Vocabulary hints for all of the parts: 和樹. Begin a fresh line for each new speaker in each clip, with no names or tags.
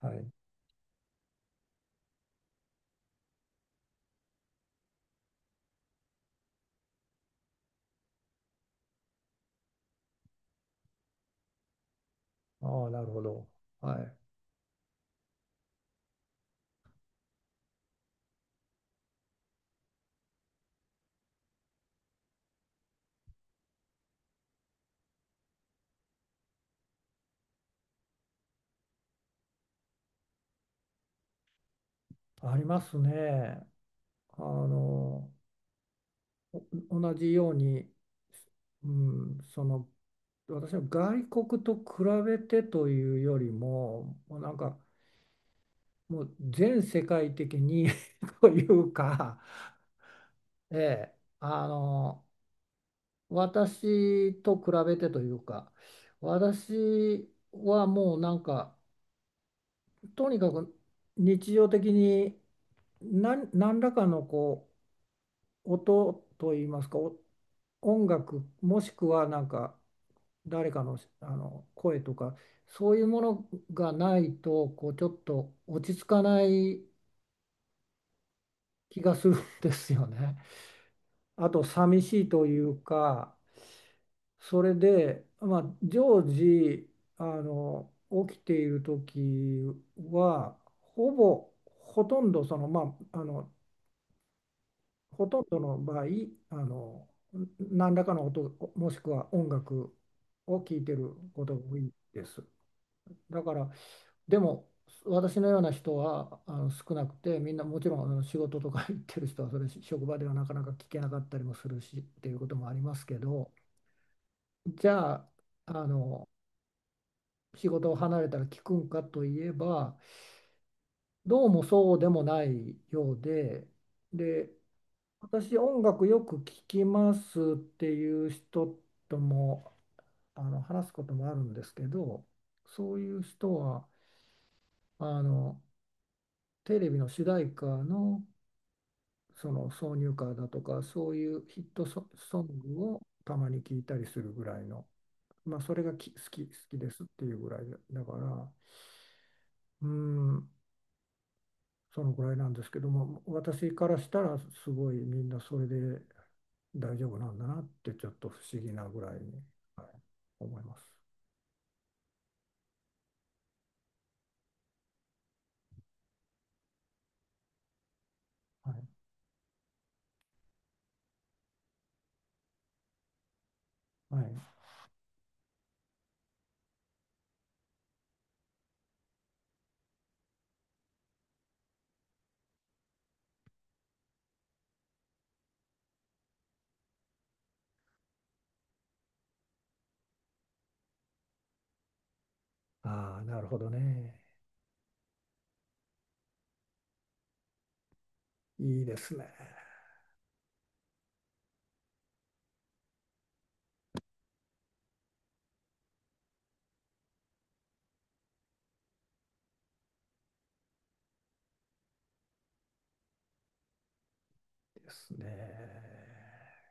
はい。ああ、なるほど。はい。ありますね。あの、同じように、うん、その、私は外国と比べてというよりも、もうなんか、もう全世界的に というか、ええ、あの、私と比べてというか、私はもうなんか、とにかく日常的に何らかのこう、音といいますか、音楽もしくはなんか誰かの、あの声とかそういうものがないとこうちょっと落ち着かない気がするんですよね。あと寂しいというか、それで、まあ、常時あの起きている時はほぼほとんどその、ほとんどの場合、あの、何らかの音、もしくは音楽を聴いてることが多いです。だから、でも、私のような人はあの少なくて、みんなもちろんあの仕事とか 行ってる人は、それ職場ではなかなか聞けなかったりもするしっていうこともありますけど、じゃあ、あの、仕事を離れたら聞くんかといえば、どうもそうでもないようで、で、私、音楽よく聴きますっていう人とも、あの話すこともあるんですけど、そういう人はあのテレビの主題歌の、その挿入歌だとか、そういうヒットソ、ソングをたまに聴いたりするぐらいの、まあ、それがき好き、好きですっていうぐらいだ、だから、うん、そのぐらいなんですけども、私からしたらすごいみんなそれで大丈夫なんだなってちょっと不思議なぐらいに、はい、思います。はい。はい。ああ、なるほどね。いいですね。いいですね。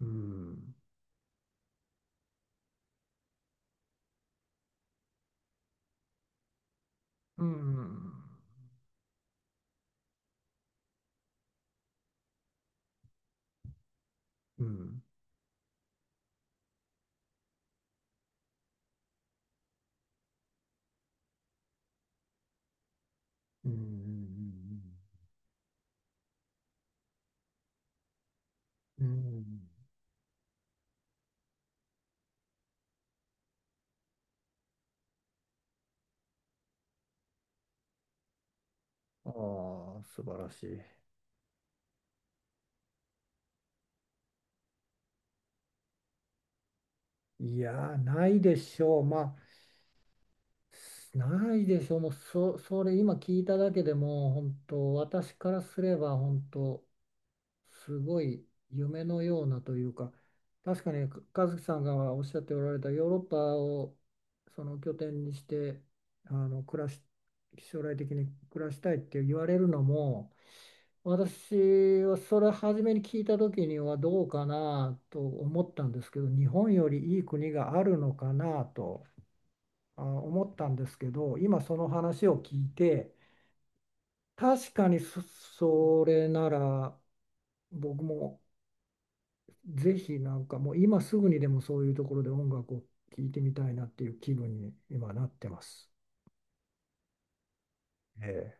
うん。うん。うん。うん。うん。ああ、素晴らしい。いやー、ないでしょう。まあ、ないでしょう、それ今聞いただけでも本当、私からすれば本当、すごい夢のようなというか、確かに和樹さんがおっしゃっておられたヨーロッパをその拠点にして、あの暮らし、将来的に暮らしたいって言われるのも、私はそれ初めに聞いた時にはどうかなと思ったんですけど、日本よりいい国があるのかなと。思ったんですけど、今その話を聞いて、確かにそれなら僕もぜひなんかもう今すぐにでもそういうところで音楽を聴いてみたいなっていう気分に今なってます。え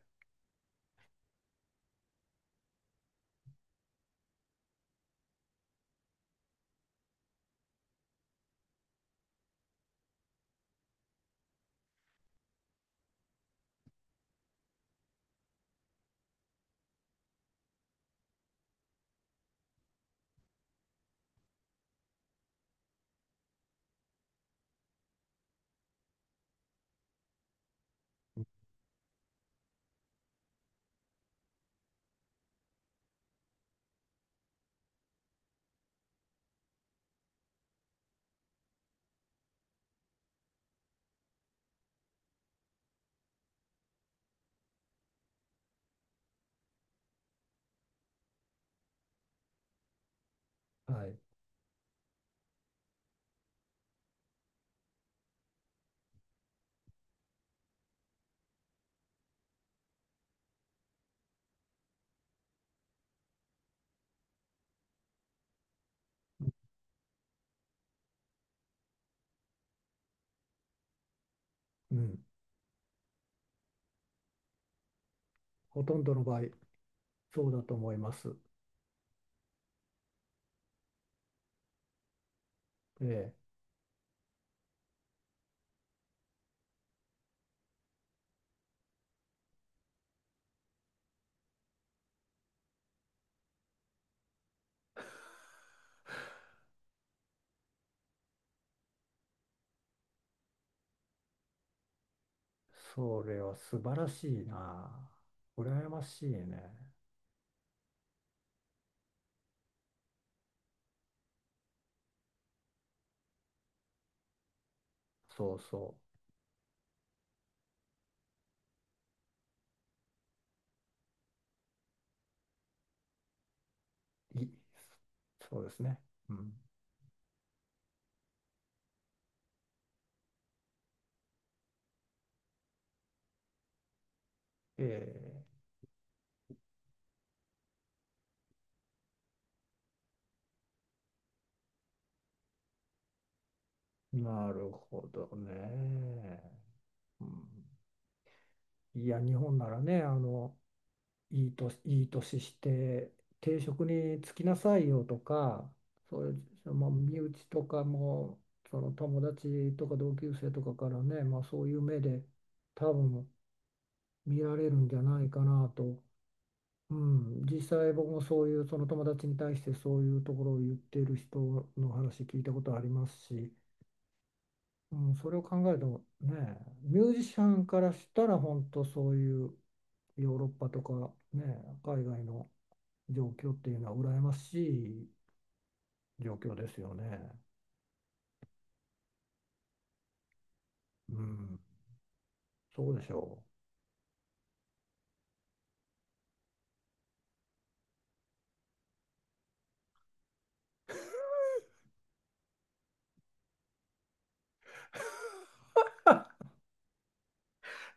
はい。うん。ほとんどの場合そうだと思います。ええ。それは素晴らしいな。羨ましいね。そうそう。そうですね。うん。ええ。なるほどね。うん、いや、日本ならね、あの、いい年して、定職に就きなさいよとか、そういう、その身内とかも、その友達とか同級生とかからね、まあ、そういう目で多分見られるんじゃないかなと。うん、実際僕もそういうその友達に対してそういうところを言っている人の話聞いたことありますし、うん、それを考えるとね、ミュージシャンからしたら本当そういうヨーロッパとかね、海外の状況っていうのは羨ましい状況ですよね。うん、そうでしょう。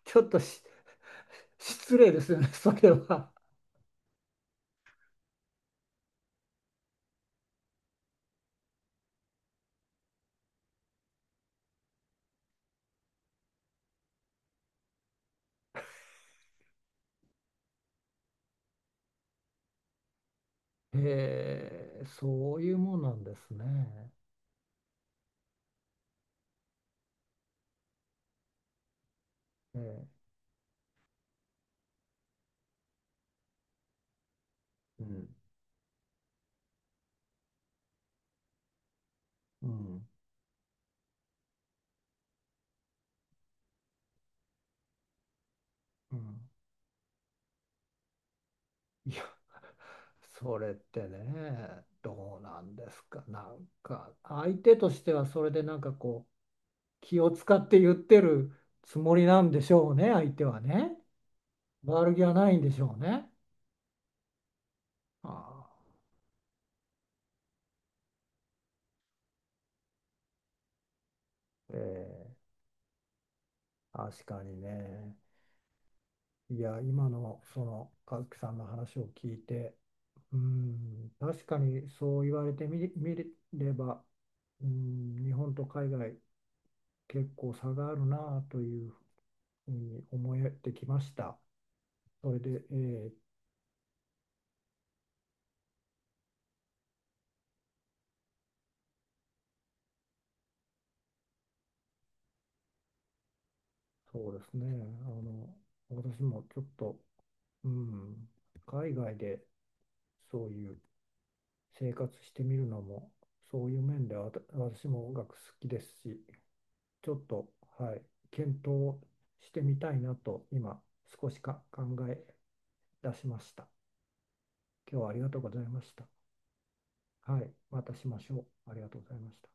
ちょっと失礼ですよね、それは。えー、そういうもんなんですね。えー、うん、うん、うん。いや、それってね、どうなんですか。なんか、相手としてはそれでなんかこう、気を使って言ってるつもりなんでしょうね、相手はね。悪気はないんでしょうね。ああ、ええ、確かにね。いや、今のその和樹さんの話を聞いて、うん、確かにそう言われて見れば、うん、日本と海外結構差があるなというふうに思えてきました。それで、ええ、そうですね。あの、私もちょっと、うん、海外でそういう生活してみるのも、そういう面では私も音楽好きですし、ちょっと、はい、検討してみたいなと今少し考え出しました。今日はありがとうございました。はい、またしましょう。ありがとうございました。